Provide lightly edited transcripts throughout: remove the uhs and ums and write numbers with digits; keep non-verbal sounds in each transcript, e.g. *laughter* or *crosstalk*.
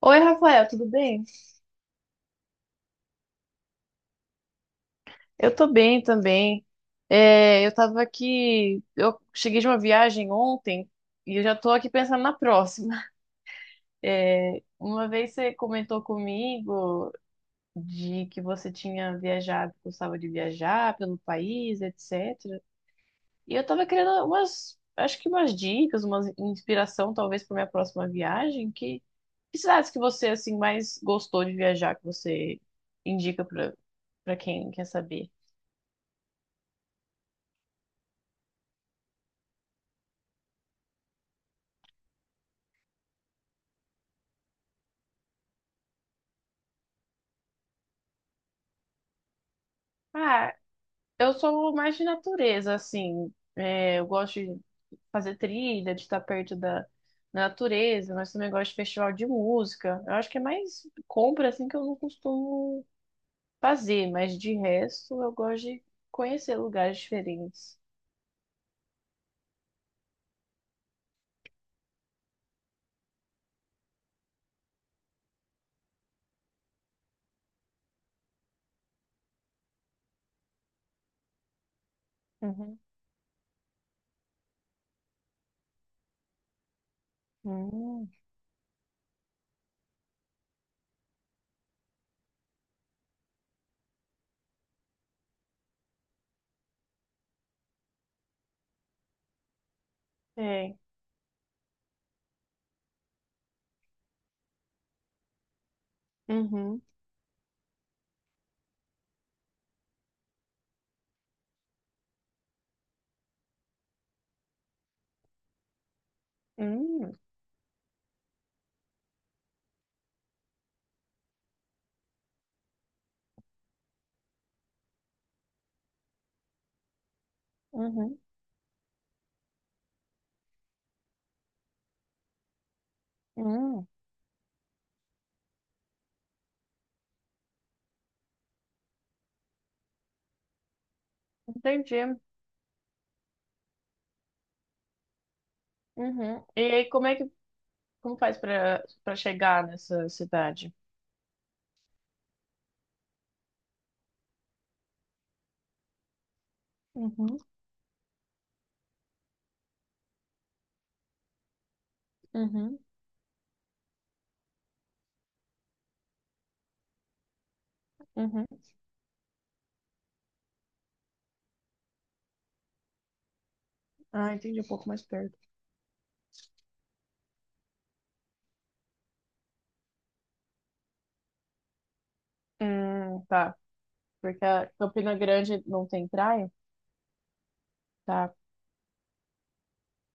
Oi, Rafael, tudo bem? Eu tô bem também. Eu tava aqui, eu cheguei de uma viagem ontem e eu já tô aqui pensando na próxima. *laughs* Uma vez você comentou comigo de que você tinha viajado, gostava de viajar pelo país, etc. E eu tava querendo umas, acho que umas dicas, uma inspiração talvez para minha próxima viagem. Que cidades que você assim mais gostou de viajar, que você indica para quem quer saber? Ah. Eu sou mais de natureza, assim. Eu gosto de fazer trilha, de estar perto da natureza, mas também gosto de festival de música. Eu acho que é mais compra, assim, que eu não costumo fazer, mas de resto eu gosto de conhecer lugares diferentes. Uhum. Hum. É. Uhum. Hum. Uhum. Hum. Entendi. Uhum. E aí, como é que como faz para chegar nessa cidade? Uhum. Uhum. Uhum. Ah, entendi, um pouco mais perto. Tá. Porque a Campina Grande não tem praia? Tá,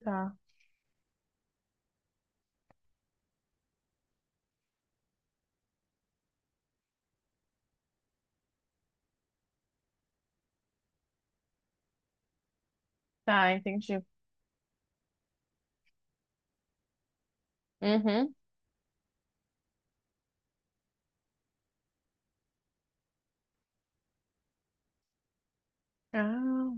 tá. Tá, entendi. Uhum. Ah,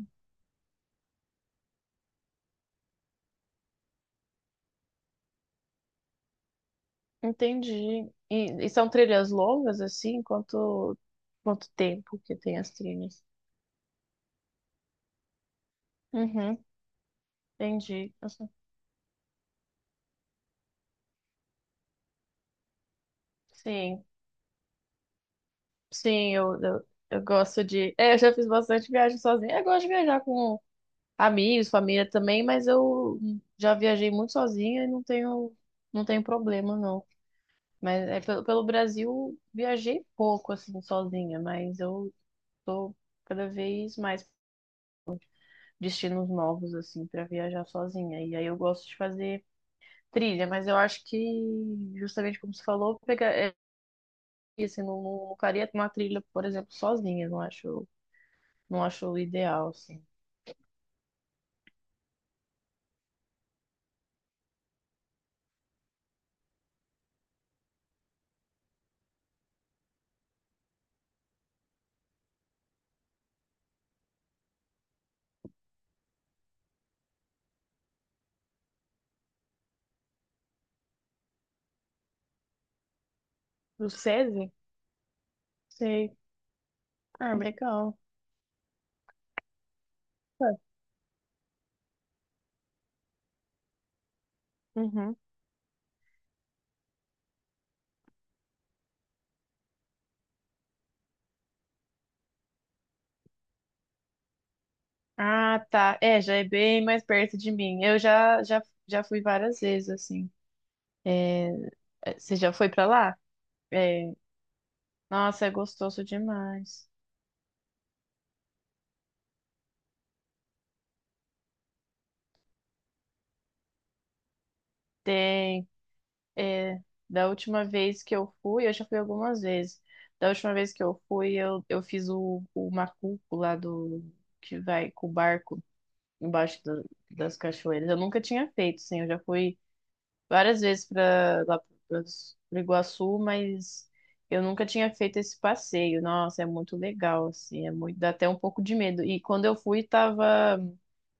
entendi. E são trilhas longas, assim? Quanto tempo que tem as trilhas? Uhum, entendi. Sim, sim, eu gosto de. É, eu já fiz bastante viagem sozinha. Eu gosto de viajar com amigos, família também, mas eu já viajei muito sozinha e não tenho, não tenho problema, não. Mas é, pelo Brasil viajei pouco, assim, sozinha, mas eu tô cada vez mais destinos novos, assim, para viajar sozinha. E aí eu gosto de fazer trilha, mas eu acho que, justamente como você falou, pegar, é, assim, não, não faria uma trilha, por exemplo, sozinha, não acho, não acho o ideal, assim. O SESI? Sei. Ah, legal. Tá. Uhum. Ah, tá. É, já é bem mais perto de mim. Eu já, já fui várias vezes, assim. É, Você já foi pra lá? É, nossa, é gostoso demais. Tem. é, Da última vez que eu fui, eu já fui algumas vezes. Da última vez que eu fui, eu fiz o macuco lá do. Que vai com o barco embaixo do- das cachoeiras. Eu nunca tinha feito, sim. Eu já fui várias vezes pra, lá para Iguaçu, mas eu nunca tinha feito esse passeio. Nossa, é muito legal, assim. É muito, dá até um pouco de medo. E quando eu fui, tava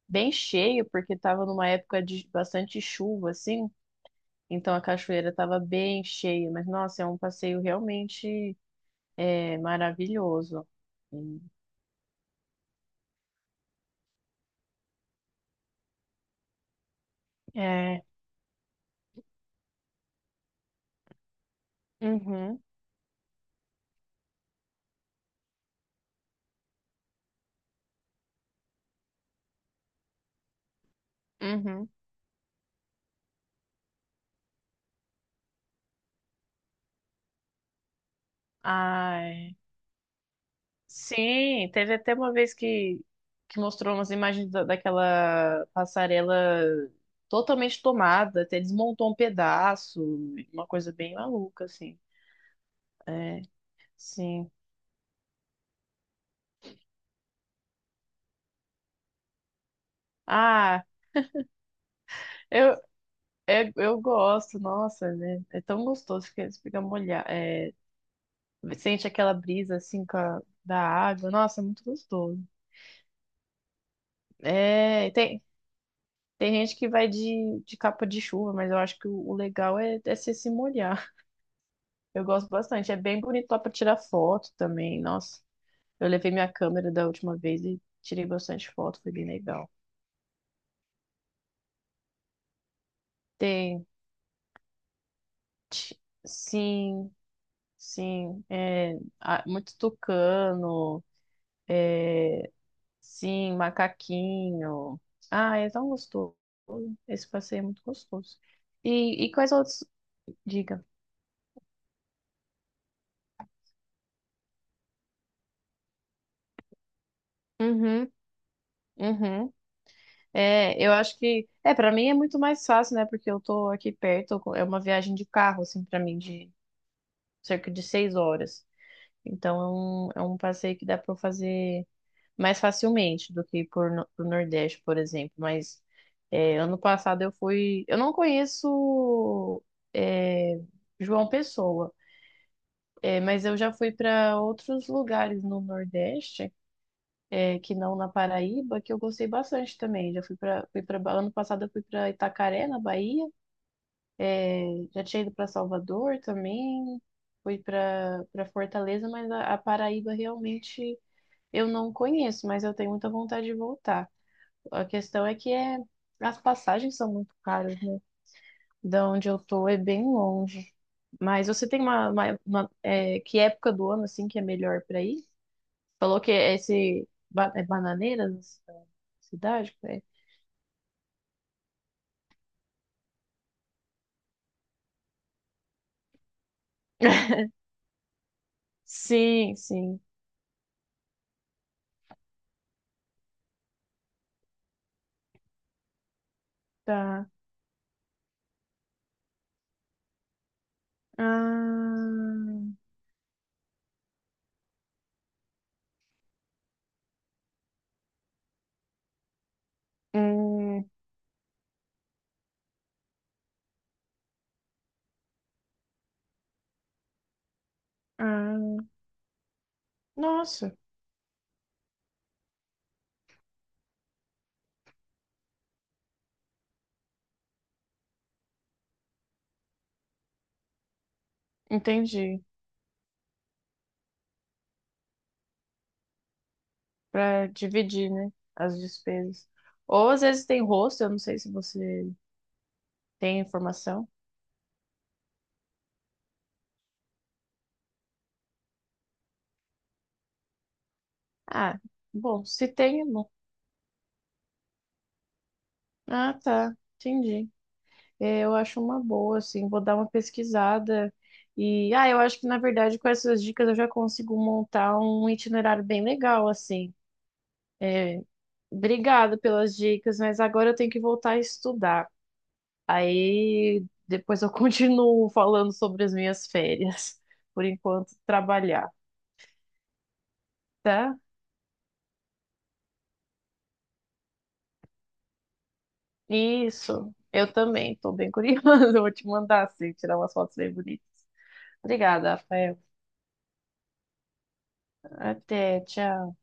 bem cheio, porque estava numa época de bastante chuva, assim, então a cachoeira estava bem cheia, mas nossa, é um passeio realmente, é, maravilhoso. É, uhum, uhum. Ai, sim, teve até uma vez que mostrou umas imagens da- daquela passarela totalmente tomada, até desmontou um pedaço, uma coisa bem maluca, assim. É, sim. Ah, eu, É, eu gosto, nossa, né? É tão gostoso que eles ficam molhados. É, sente aquela brisa assim com a- da água. Nossa, é muito gostoso. É, tem, tem gente que vai de capa de chuva, mas eu acho que o legal é, é se molhar. Eu gosto bastante. É bem bonito lá pra tirar foto também. Nossa, eu levei minha câmera da última vez e tirei bastante foto, foi bem legal. Tem, t- sim, sim. É, ah, muito tucano. Sim, macaquinho. Ah, é tão gostoso. Esse passeio é muito gostoso. E quais outros? Diga. Uhum, uhum. É, eu acho que. É, para mim é muito mais fácil, né? Porque eu tô aqui perto. É uma viagem de carro, assim, para mim, de cerca de 6 horas. Então é um passeio que dá para eu fazer mais facilmente do que por, no- pro Nordeste, por exemplo. Mas é, ano passado eu fui. Eu não conheço. É, João Pessoa. É, mas eu já fui para outros lugares no Nordeste, é, que não na Paraíba, que eu gostei bastante também. Já fui para, fui para, ano passado eu fui para Itacaré, na Bahia. É, já tinha ido para Salvador também, fui para Fortaleza, mas a Paraíba realmente eu não conheço, mas eu tenho muita vontade de voltar. A questão é que é, as passagens são muito caras, né? Da onde eu tô é bem longe. Mas você tem uma, é, que época do ano assim que é melhor para ir? Falou que é esse é Bananeiras, a cidade, é? *laughs* Sim, sim, tá. Ah, hum, ah, nossa, entendi. Pra dividir, né, as despesas. Ou às vezes tem rosto, eu não sei se você tem informação. Ah, bom, se tem, é bom. Ah, tá, entendi. É, eu acho uma boa, assim, vou dar uma pesquisada. E, ah, eu acho que, na verdade, com essas dicas eu já consigo montar um itinerário bem legal, assim. Obrigada pelas dicas, mas agora eu tenho que voltar a estudar. Aí depois eu *laughs* continuo falando sobre as minhas férias. Por enquanto, trabalhar, tá? Isso, eu também, tô bem curiosa. *laughs* Eu vou te mandar, assim, tirar umas fotos bem bonitas. Obrigada, Rafael. Até, tchau.